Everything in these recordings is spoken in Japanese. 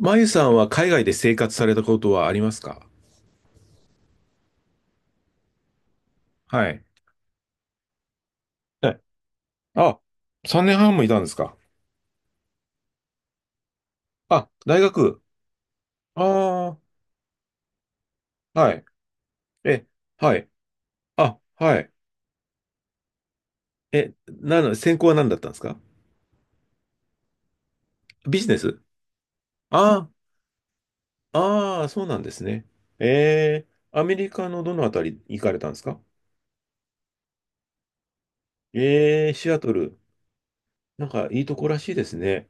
まゆさんは海外で生活されたことはありますか？はい。はい。あ、3年半もいたんですか？あ、大学。ああ、はい。え、はい。あ、はい。え、専攻は何だったんですか？ビジネス。ああ、ああ、そうなんですね。えアメリカのどのあたり行かれたんですか？えー、シアトル。なんかいいとこらしいですね。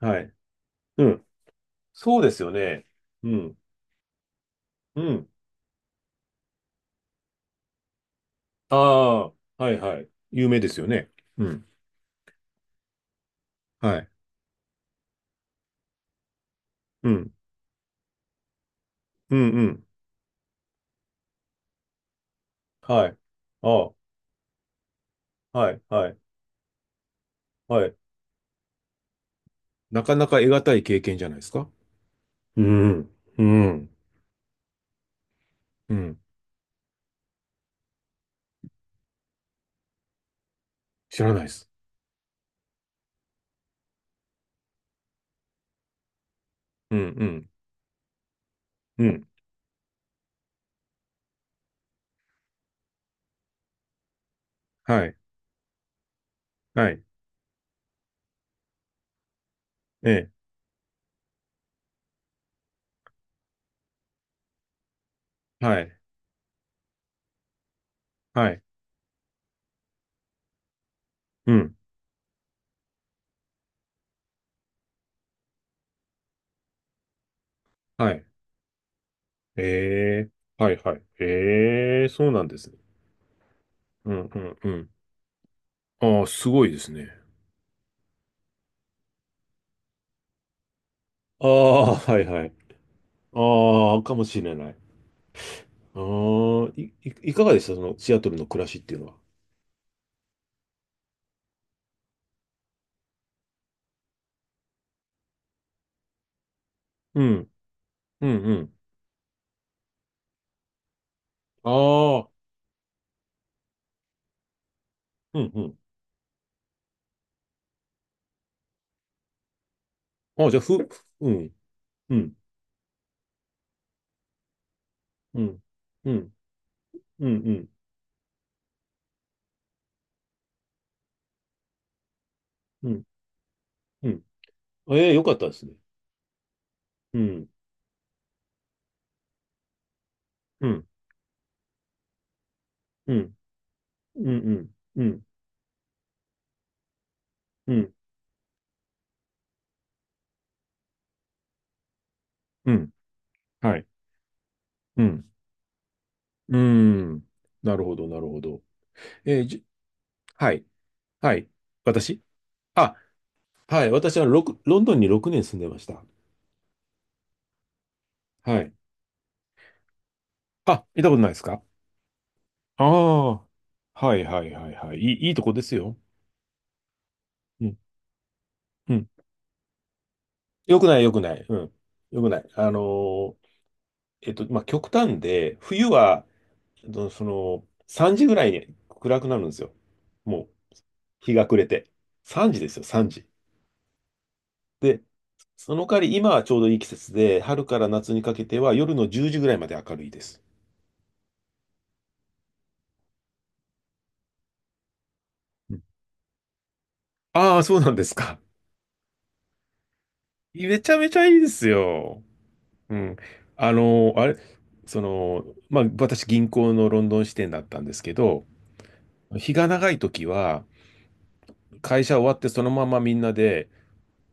はい。うん。そうですよね。うん。うん。ああ、はいはい。有名ですよね。うん。はい、うん。うん、うん。はい。ああ、はい、はい、はい。なかなか得難い経験じゃないですか？うん、うん、うん。知らないです。うん、うん、うん。はい、はい、ええ、はい、はい、うん、はい。ええ、はい、はい。ええ、そうなんですね。うん、うん、うん。ああ、すごいですね。ああ、はい、はい。ああ、かもしれない。ああ、いかがでした、その、シアトルの暮らしっていうのは。うん、うん、うん。ああ、うん、うん。あ、じゃあ、うん、うん、うん、うん、うん、うん、うん、うん。ええ、よかったですね。うん、うん、うん、うん、うん、うん、うん、うん、はい、うん、うん。なるほど、なるほど。えー、じ、はい、はい。私あ、はい、私はロンドンに6年住んでました。はい。あ、行ったことないですか？ああ、はいはいはいはい。いいとこですよ。うん、うん。よくない、よくない。うん。よくない。まあ、極端で、冬は、3時ぐらいに暗くなるんですよ。もう、日が暮れて。3時ですよ、3時。で、その代わり、今はちょうどいい季節で、春から夏にかけては夜の10時ぐらいまで明るいです。ああ、そうなんですか。めちゃめちゃいいですよ。うん。あの、あれ、その、まあ、私、銀行のロンドン支店だったんですけど、日が長い時は、会社終わってそのままみんなで、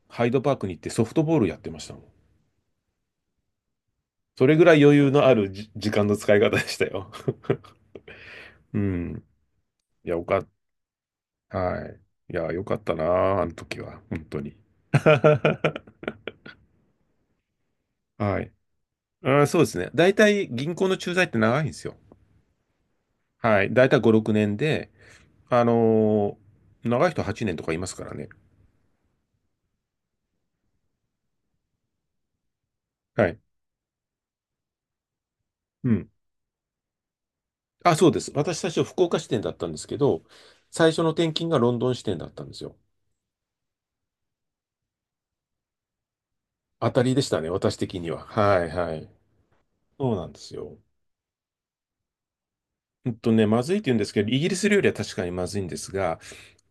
ハイドパークに行ってソフトボールやってましたもん。それぐらい余裕のある時間の使い方でしたよ。うん。いや、よかった。はい。いや、よかったなあ、あの時は。本当に。はい。あー、そうですね。大体銀行の駐在って長いんですよ。はい。大体5、6年で、あのー長い人8年とかいますからね。はい。うん。あ、そうです。私最初福岡支店だったんですけど、最初の転勤がロンドン支店だったんですよ。当たりでしたね、私的には。はいはい。そうなんですよ。うんとね、まずいって言うんですけど、イギリス料理は確かにまずいんですが、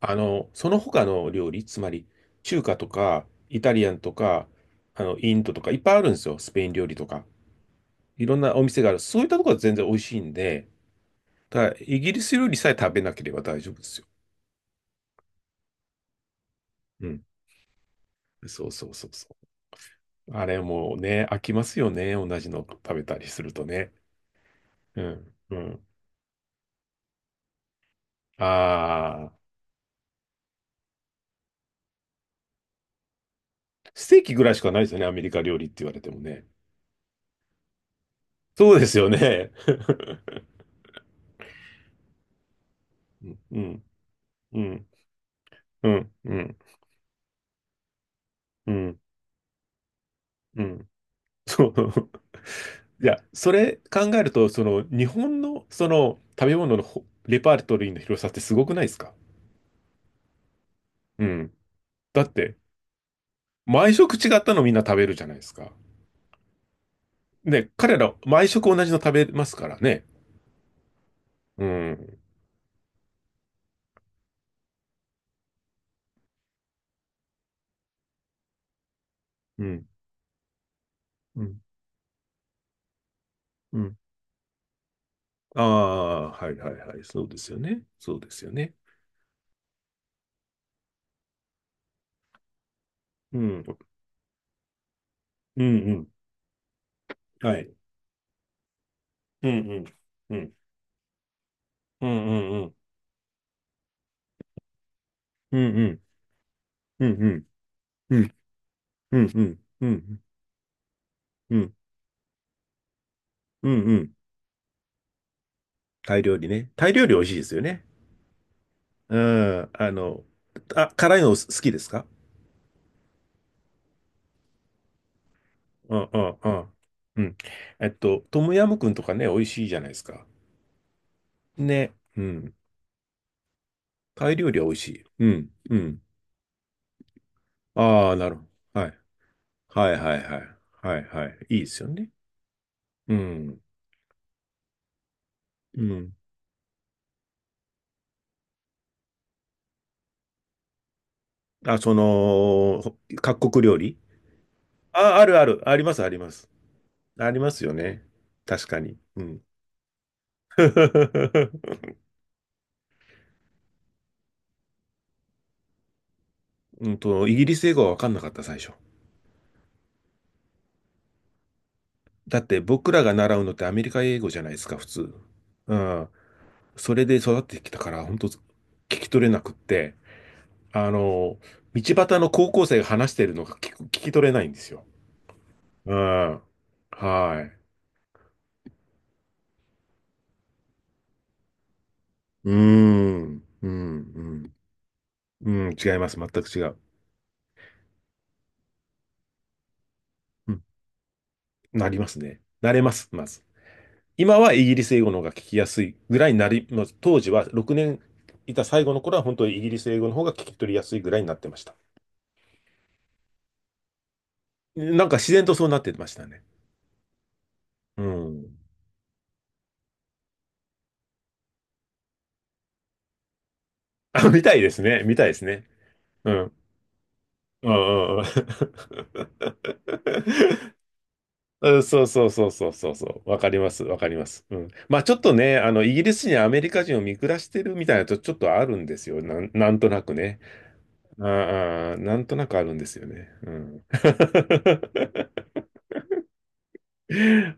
その他の料理、つまり中華とか、イタリアンとか、インドとか、いっぱいあるんですよ。スペイン料理とか。いろんなお店がある。そういったところは全然美味しいんで、ただ、イギリス料理さえ食べなければ大丈夫ですよ。うん。そうそうそうそう。あれもうね、飽きますよね。同じの食べたりするとね。うん。うん。ああ、ステーキぐらいしかないですよね。アメリカ料理って言われてもね。そうですよね。うん、うん、うん、うん、うん、うん。そう。いや、それ考えると、日本の、食べ物のレパートリーの広さってすごくないですか？うん。だって、毎食違ったのみんな食べるじゃないですか。ね、彼ら、毎食同じの食べますからね。うん、うん、うん、うん。ああ、はいはいはい。そうですよね。そうですよね。うん、うん、うん。はい。うん、うん、うん、うん、うん、うん、うん、うん、うん、うん、うん、うん、うん、うん、うん、うん、うん、うん。タイ料理ね。タイ料理美味しいですよね。うん、あ、辛いの好きですか？うん、うん、うん。うん。トムヤムクンとかね、美味しいじゃないですか。ね。うん。タイ料理は美味しい。うん、うん。ああ、なるほど。はい。はい、はい、はい。はい、はい。いいですよね。うん、うん。あ、各国料理。あ、あるある。あります、あります。ありますよね。確かに。うん。うんと、イギリス英語は分かんなかった、最初。だって僕らが習うのってアメリカ英語じゃないですか、普通。うん。それで育ってきたから、本当聞き取れなくって、あの、道端の高校生が話してるのが聞き取れないんですよ。うん。はい。うーん。うん。うん。うん、違います。全く違う。うん。なりますね。なれます、まず。今はイギリス英語の方が聞きやすいぐらいになり、まあ、当時は6年いた最後の頃は本当にイギリス英語の方が聞き取りやすいぐらいになってました。なんか自然とそうなってましたね。うん。あ、見たいですね。見たいですね。うん。うんうんうん うんそうそうそうそうそうそう。わかります。わかります。うん。まあちょっとね、イギリスにアメリカ人を見下してるみたいなとちょっとあるんですよ。なんとなくね。ああ、なんとなくあるんですよね。うん。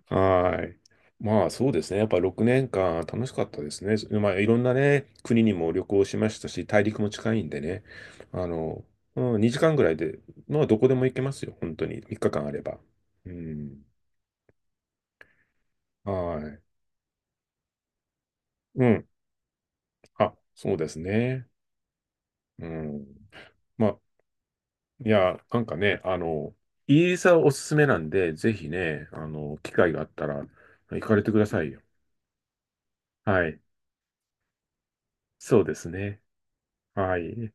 はい。まあそうですね。やっぱ6年間楽しかったですね。まあいろんなね、国にも旅行しましたし、大陸も近いんでね。あの、うん、2時間ぐらいで、まあどこでも行けますよ。本当に。3日間あれば。うん。はい。うん。あ、そうですね。うん。まあ、いや、なんかね、イギリスはおすすめなんで、ぜひね、機会があったら行かれてくださいよ。はい。そうですね。はい。